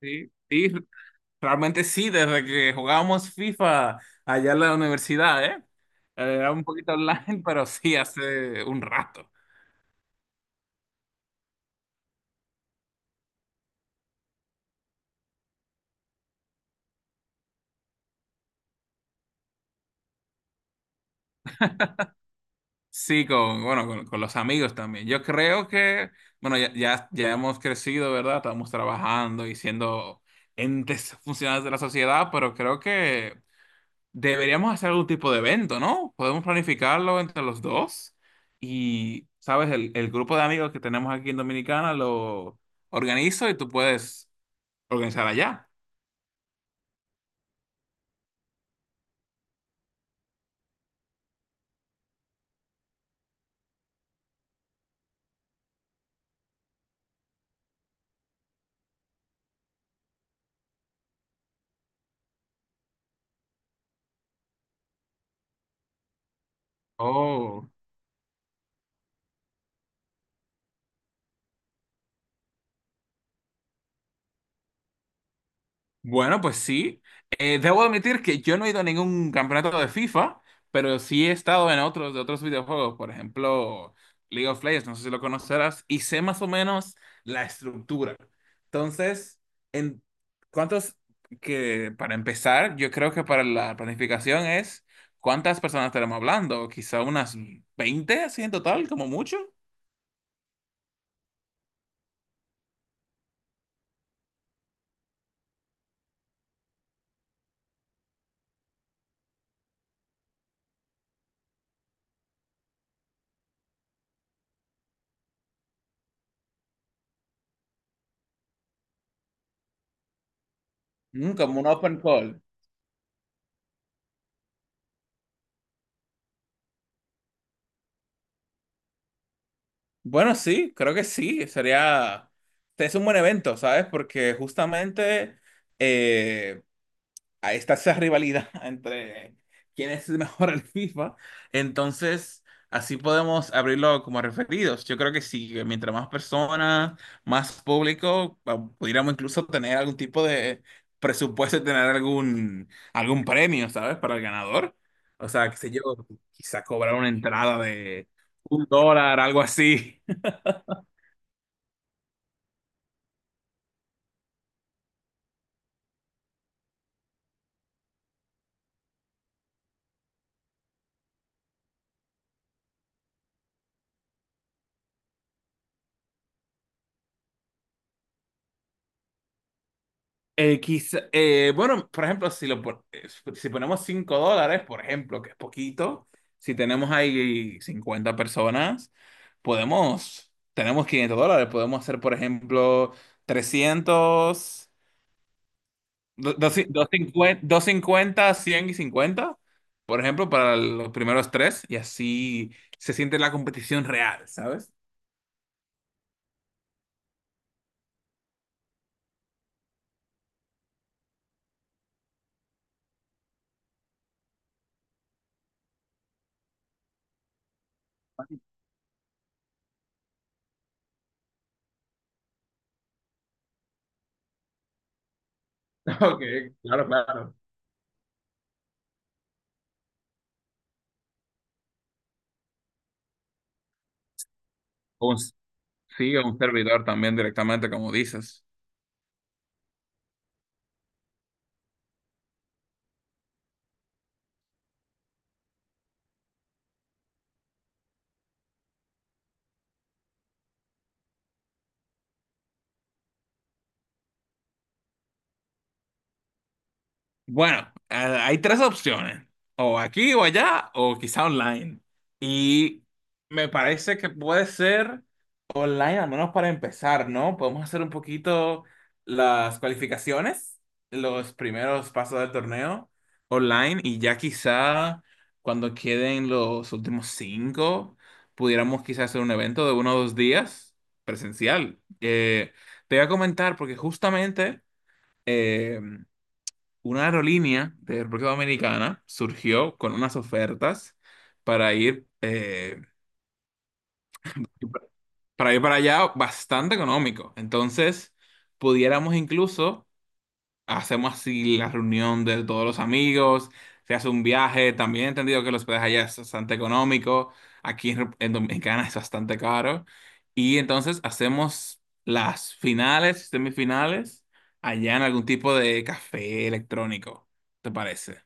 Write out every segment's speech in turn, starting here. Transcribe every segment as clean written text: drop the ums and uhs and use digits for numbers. Sí, sí, realmente sí, desde que jugábamos FIFA allá en la universidad, ¿eh? Era un poquito online, pero sí, hace un rato. Sí, bueno, con los amigos también. Yo creo que, bueno, ya hemos crecido, ¿verdad? Estamos trabajando y siendo entes funcionales de la sociedad, pero creo que deberíamos hacer algún tipo de evento, ¿no? Podemos planificarlo entre los dos y, ¿sabes?, el grupo de amigos que tenemos aquí en Dominicana lo organizo y tú puedes organizada ya. Oh. Bueno, pues sí. Debo admitir que yo no he ido a ningún campeonato de FIFA, pero sí he estado en otros de otros videojuegos, por ejemplo, League of Legends, no sé si lo conocerás, y sé más o menos la estructura. Entonces, en cuántos que para empezar, yo creo que para la planificación es cuántas personas estaremos hablando, quizá unas 20 así en total, como mucho. Como un open call. Bueno, sí, creo que sí, sería, es un buen evento, ¿sabes? Porque justamente eh, ahí está esa rivalidad entre quién es el mejor en FIFA, entonces así podemos abrirlo como referidos. Yo creo que sí, que mientras más personas, más público, pudiéramos incluso tener algún tipo de presupuesto, y tener algún premio, ¿sabes? Para el ganador. O sea, qué sé yo, quizá cobrar una entrada de 1 dólar, algo así. Bueno, por ejemplo, si ponemos 5 dólares, por ejemplo, que es poquito. Si tenemos ahí 50 personas, tenemos 500 dólares. Podemos hacer, por ejemplo, 300, 250, 50 100 y cincuenta, por ejemplo, para los primeros tres, y así se siente la competición real, ¿sabes? Ok, claro, claro. O un- sí, o un servidor también directamente, como dices. Bueno, hay tres opciones, o aquí o allá, o quizá online. Y me parece que puede ser online, al menos para empezar, ¿no? Podemos hacer un poquito las cualificaciones, los primeros pasos del torneo online, y ya quizá cuando queden los últimos cinco, pudiéramos quizá hacer un evento de 1 o 2 días presencial. Te voy a comentar porque justamente em, una aerolínea de República Dominicana surgió con unas ofertas para ir, eh, para ir para allá bastante económico. Entonces, pudiéramos incluso, hacemos así la reunión de todos los amigos, se hace un viaje. También he entendido que los hospedaje allá es bastante económico, aquí en Dominicana es bastante caro, y entonces hacemos las finales, semifinales, allá en algún tipo de café electrónico, ¿te parece?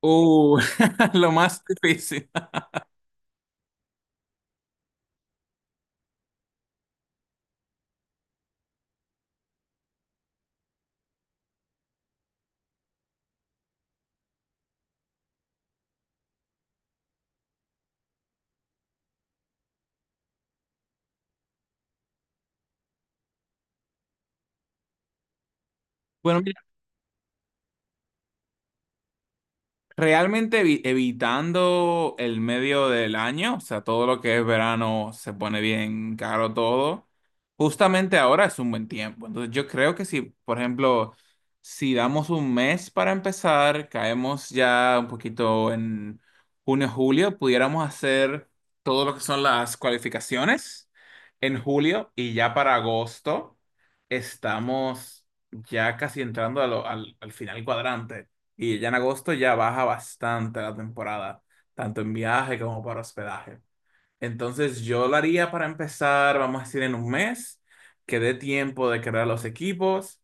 Uh, lo más difícil. Bueno, realmente evitando el medio del año, o sea, todo lo que es verano se pone bien caro todo. Justamente ahora es un buen tiempo. Entonces yo creo que si, por ejemplo, si damos un mes para empezar, caemos ya un poquito en junio, julio, pudiéramos hacer todo lo que son las cualificaciones en julio y ya para agosto estamos ya casi entrando a lo- al al final cuadrante. Y ya en agosto ya baja bastante la temporada, tanto en viaje como para hospedaje. Entonces yo lo haría para empezar, vamos a decir, en un mes, que dé tiempo de crear los equipos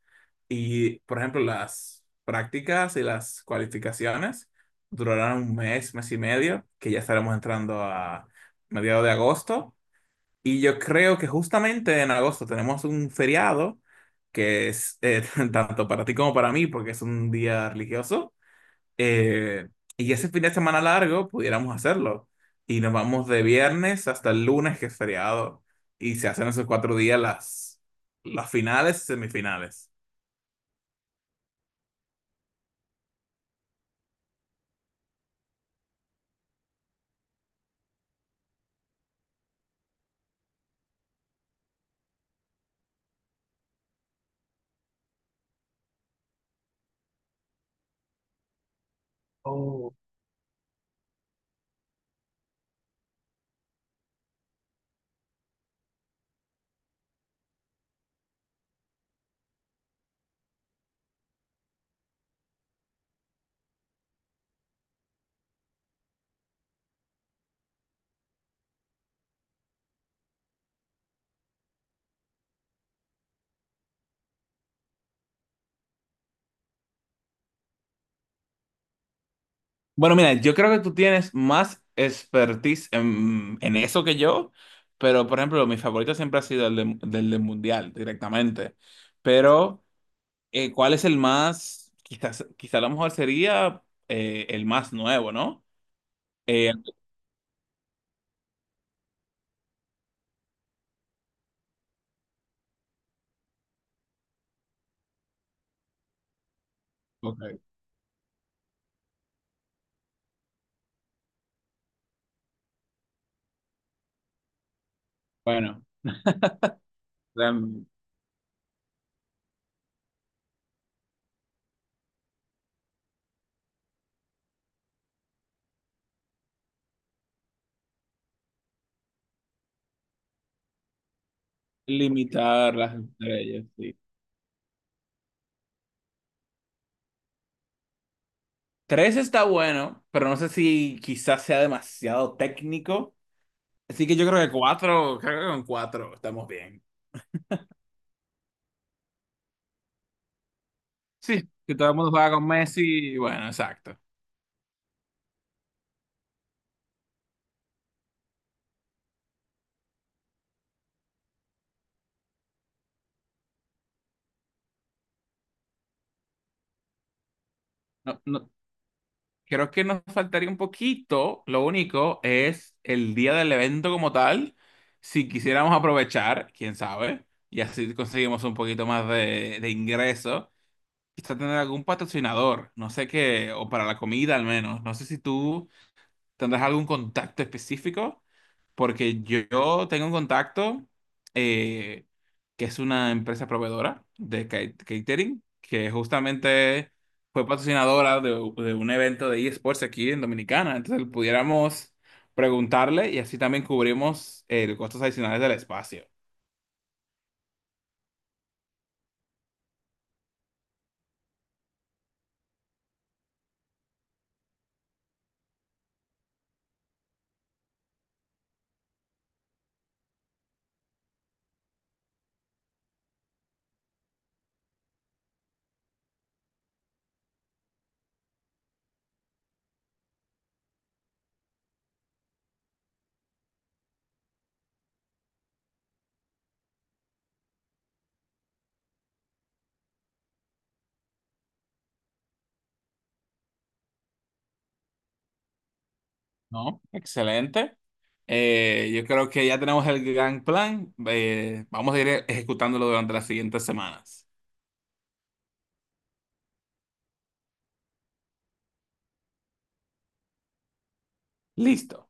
y, por ejemplo, las prácticas y las cualificaciones durarán un mes, mes y medio, que ya estaremos entrando a mediados de agosto. Y yo creo que justamente en agosto tenemos un feriado, que es tanto para ti como para mí, porque es un día religioso eh, y ese fin de semana largo pudiéramos hacerlo. Y nos vamos de viernes hasta el lunes, que es feriado. Y se hacen esos 4 días las finales y semifinales. Bueno, mira, yo creo que tú tienes más expertise en eso que yo, pero por ejemplo, mi favorito siempre ha sido el del Mundial directamente. Pero, ¿cuál es el más? Quizás, quizá a lo mejor sería el más nuevo, ¿no? Eh, ok, bueno, limitar las estrellas, sí. Tres está bueno, pero no sé si quizás sea demasiado técnico. Así que yo creo que cuatro, creo que con cuatro estamos bien. Sí, que todo el mundo juega con Messi, bueno, exacto. No, no, creo que nos faltaría un poquito, lo único es el día del evento como tal. Si quisiéramos aprovechar, quién sabe, y así conseguimos un poquito más de ingreso. Quizá tener algún patrocinador, no sé qué, o para la comida al menos. No sé si tú, ¿tendrás algún contacto específico? Porque yo tengo un contacto eh, que es una empresa proveedora de catering, que justamente fue patrocinadora de un evento de eSports aquí en Dominicana. Entonces pudiéramos preguntarle y así también cubrimos los costos adicionales del espacio. ¿No? Excelente. Yo creo que ya tenemos el gran plan. Vamos a ir ejecutándolo durante las siguientes semanas. Listo.